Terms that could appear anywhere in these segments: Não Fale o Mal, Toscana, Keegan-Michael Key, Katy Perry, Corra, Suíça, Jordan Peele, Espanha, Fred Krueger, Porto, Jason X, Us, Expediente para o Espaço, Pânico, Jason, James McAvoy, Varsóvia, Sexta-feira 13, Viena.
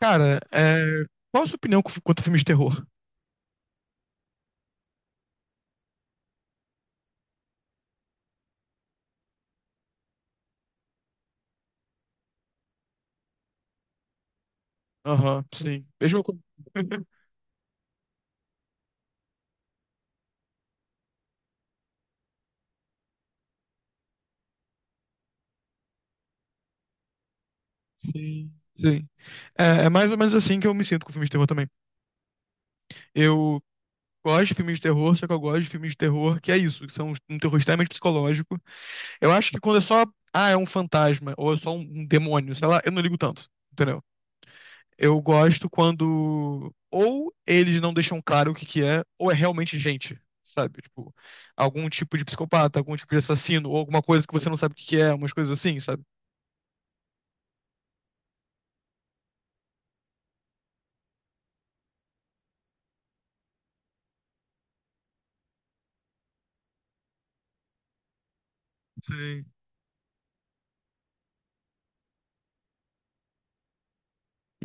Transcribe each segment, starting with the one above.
Cara, qual a sua opinião quanto a filmes de terror? Aham, sim. Mesmo com. Sim, sim. É, é mais ou menos assim que eu me sinto com filmes de terror também. Eu gosto de filmes de terror, só que eu gosto de filmes de terror que é isso, que são um terror extremamente psicológico. Eu acho que quando é só, ah, é um fantasma, ou é só um demônio, sei lá, eu não ligo tanto. Eu gosto quando ou eles não deixam claro o que que é, ou é realmente gente, sabe? Tipo, algum tipo de psicopata, algum tipo de assassino, ou alguma coisa que você não sabe o que que é, umas coisas assim, sabe? Sim,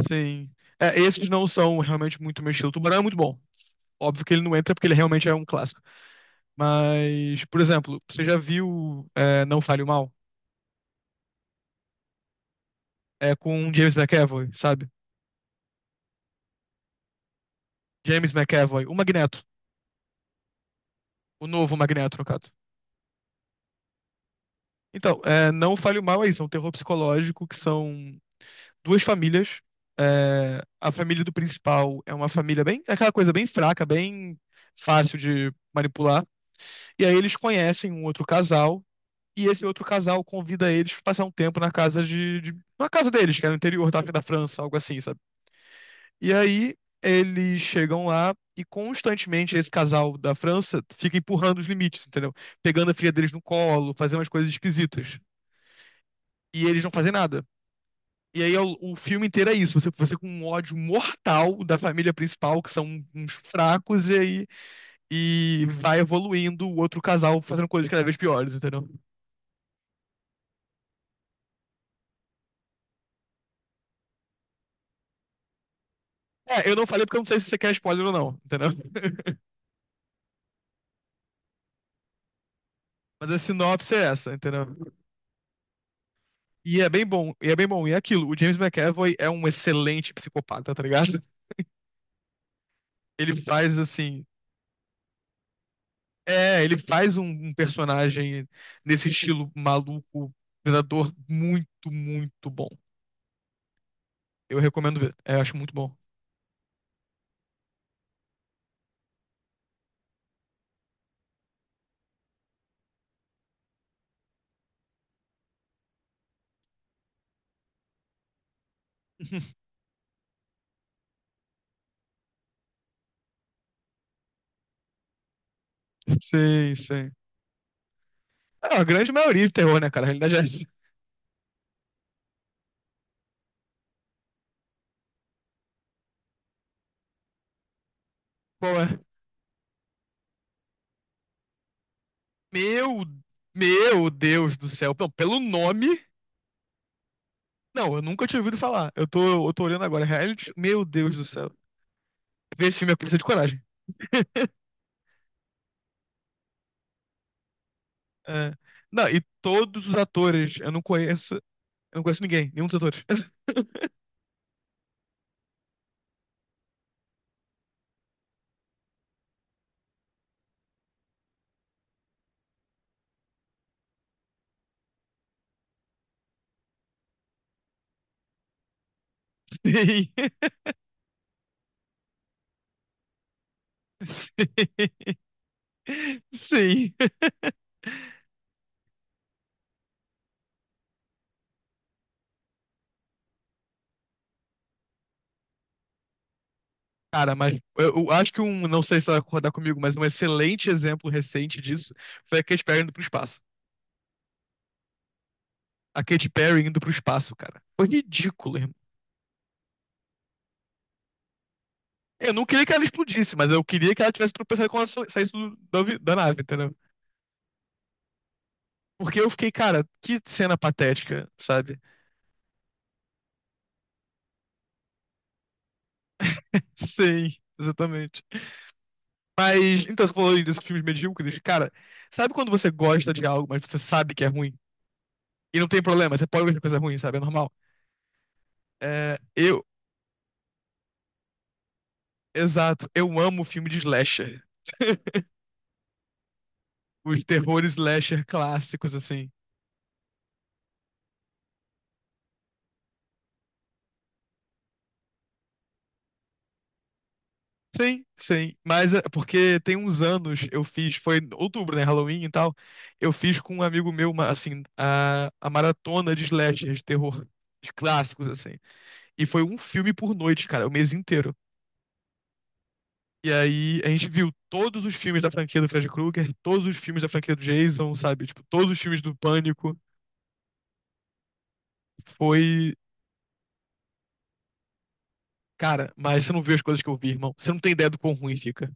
sim. É, esses não são realmente muito meu estilo. Tubarão é muito bom. Óbvio que ele não entra porque ele realmente é um clássico. Mas, por exemplo, você já viu Não Fale o Mal? É com James McAvoy, sabe? James McAvoy, o Magneto. O novo Magneto, no caso. Então, Não Fale o Mal é isso, é um terror psicológico que são duas famílias. É, a família do principal é uma família bem, é aquela coisa bem fraca, bem fácil de manipular. E aí eles conhecem um outro casal e esse outro casal convida eles para passar um tempo na casa de na casa deles, que é no interior da França, algo assim, sabe? E aí eles chegam lá e constantemente esse casal da França fica empurrando os limites, entendeu? Pegando a filha deles no colo, fazendo umas coisas esquisitas. E eles não fazem nada. E aí é o filme inteiro é isso. Você com um ódio mortal da família principal, que são uns fracos, e aí e vai evoluindo o outro casal fazendo coisas cada vez piores, entendeu? É, eu não falei porque eu não sei se você quer spoiler ou não, entendeu? Mas a sinopse é essa, entendeu? E é bem bom, e é bem bom. E é aquilo, o James McAvoy é um excelente psicopata, tá ligado? Ele faz assim. É, ele faz um personagem nesse estilo maluco, predador, muito, muito bom. Eu recomendo ver. É, acho muito bom. Sim, sim. Ah, a grande maioria de terror, né, cara? A realidade é essa. Qual é? Meu, meu Deus do céu. Não, pelo nome. Não, eu nunca tinha ouvido falar. Eu tô olhando agora. Reality. Meu Deus do céu. Ver esse filme é precisa de coragem. É. Não, e todos os atores, eu não conheço. Eu não conheço ninguém, nenhum dos atores. Sim. Sim. Sim. Cara, mas eu acho que não sei se você vai concordar comigo, mas um excelente exemplo recente disso foi aquele Expediente para o Espaço. A Katy Perry indo pro espaço, cara. Foi ridículo, irmão. Eu não queria que ela explodisse, mas eu queria que ela tivesse tropeçado quando ela saísse da nave, entendeu? Porque eu fiquei, cara, que cena patética, sabe? Sim, exatamente. Mas, então, você falou aí desses filmes medíocres. Cara, sabe quando você gosta de algo, mas você sabe que é ruim? E não tem problema, você pode gostar de coisa ruim, sabe? É normal. É, exato, eu amo filme de slasher. Os terrores slasher clássicos, assim. Sim, sim. Mas é porque tem uns anos eu fiz, foi em outubro, né? Halloween e tal. Eu fiz com um amigo meu, assim, a maratona de slasher, de terror, de clássicos, assim. E foi um filme por noite, cara, o mês inteiro. E aí a gente viu todos os filmes da franquia do Fred Krueger, todos os filmes da franquia do Jason, sabe? Tipo, todos os filmes do Pânico. Foi. Cara, mas você não viu as coisas que eu vi, irmão. Você não tem ideia do quão ruim fica.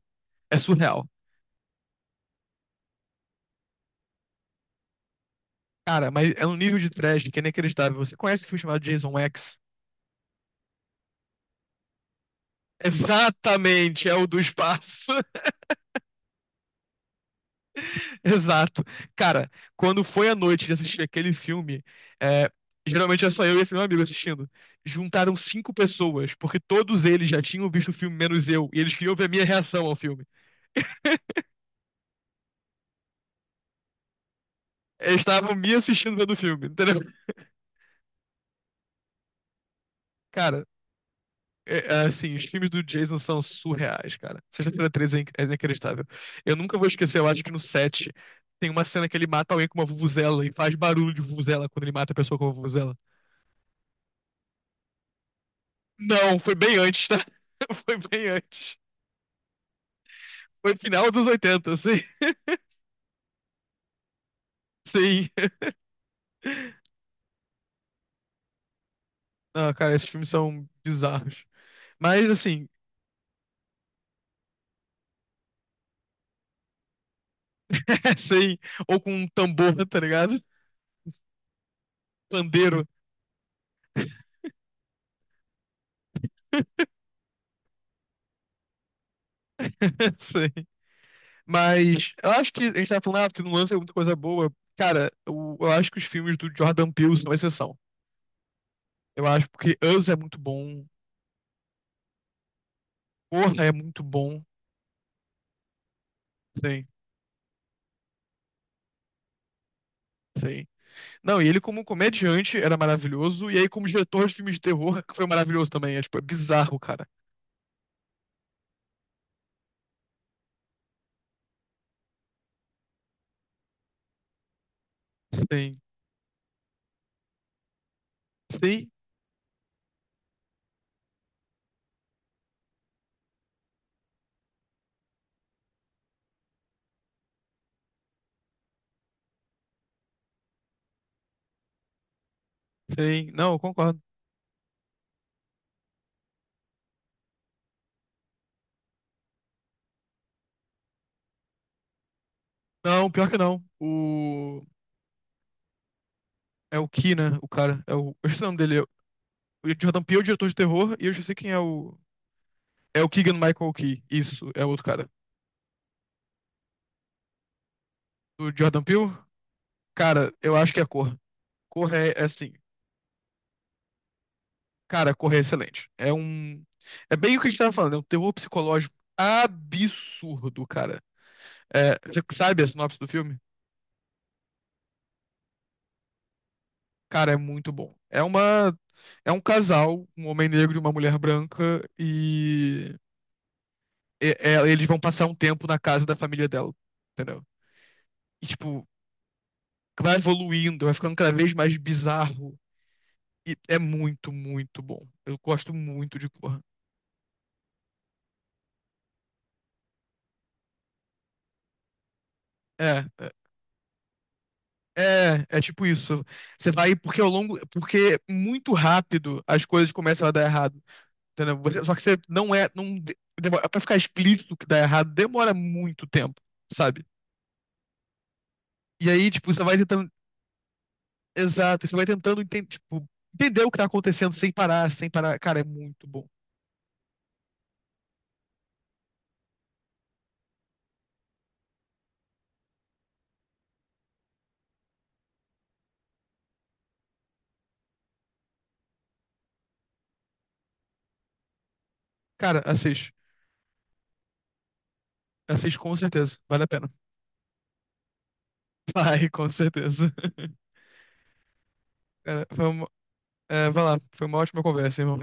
É surreal. Cara, mas é um nível de trash que é inacreditável. Você conhece o filme chamado Jason X? Exatamente, é o do espaço. Exato. Cara, quando foi a noite de assistir aquele filme, é, geralmente é só eu e esse meu amigo assistindo. Juntaram cinco pessoas, porque todos eles já tinham visto o filme, menos eu, e eles queriam ver a minha reação ao filme. Eles estavam me assistindo vendo o filme, entendeu? Cara, é assim, os filmes do Jason são surreais, cara. Sexta-feira 13 é inacreditável. Eu nunca vou esquecer, eu acho que no 7 tem uma cena que ele mata alguém com uma vuvuzela e faz barulho de vuvuzela quando ele mata a pessoa com uma vuvuzela. Não, foi bem antes, tá? Foi bem antes. Foi final dos 80, sim. Sim. Ah, cara, esses filmes são bizarros. Mas assim, sim. Ou com um tambor, tá ligado? Pandeiro. Sim. Mas eu acho que a gente tava falando, ah, porque não lança muita coisa boa. Cara, eu acho que os filmes do Jordan Peele são exceção. Eu acho porque Us é muito bom. Corra é muito bom. Sim, sim. Não, e ele como comediante era maravilhoso, e aí como diretor de filmes de terror foi maravilhoso também. É, tipo, é bizarro, cara. Sim, sim, sim. Não, eu concordo. Não, pior que não. O. É o Key, né? O cara. É o. Eu esqueci o nome dele. O Jordan Peele é o diretor de terror, e eu já sei quem é o. É o Keegan-Michael Key. Isso, é outro cara. O Jordan Peele, cara, eu acho que é Cor. Cor é assim. Cara, Cor é excelente. É um. É bem o que a gente tava falando, é um terror psicológico absurdo, cara. É, você sabe a sinopse do filme? Cara, é muito bom. É um casal, um homem negro e uma mulher branca, eles vão passar um tempo na casa da família dela, entendeu? E, tipo, vai evoluindo, vai ficando cada vez mais bizarro. E é muito, muito bom. Eu gosto muito de Corra. É, é, é, tipo isso. Você vai, porque ao longo, porque muito rápido as coisas começam a dar errado. Entendeu? Só que você não é. Não, demora, pra ficar explícito que dá errado, demora muito tempo, sabe? E aí, tipo, você vai tentando. Exato, você vai tentando tipo, entender o que tá acontecendo sem parar, sem parar. Cara, é muito bom. Cara, assiste. Assiste com certeza. Vale a pena. Vai, com certeza. Cara, vai lá. Foi uma ótima conversa, irmão.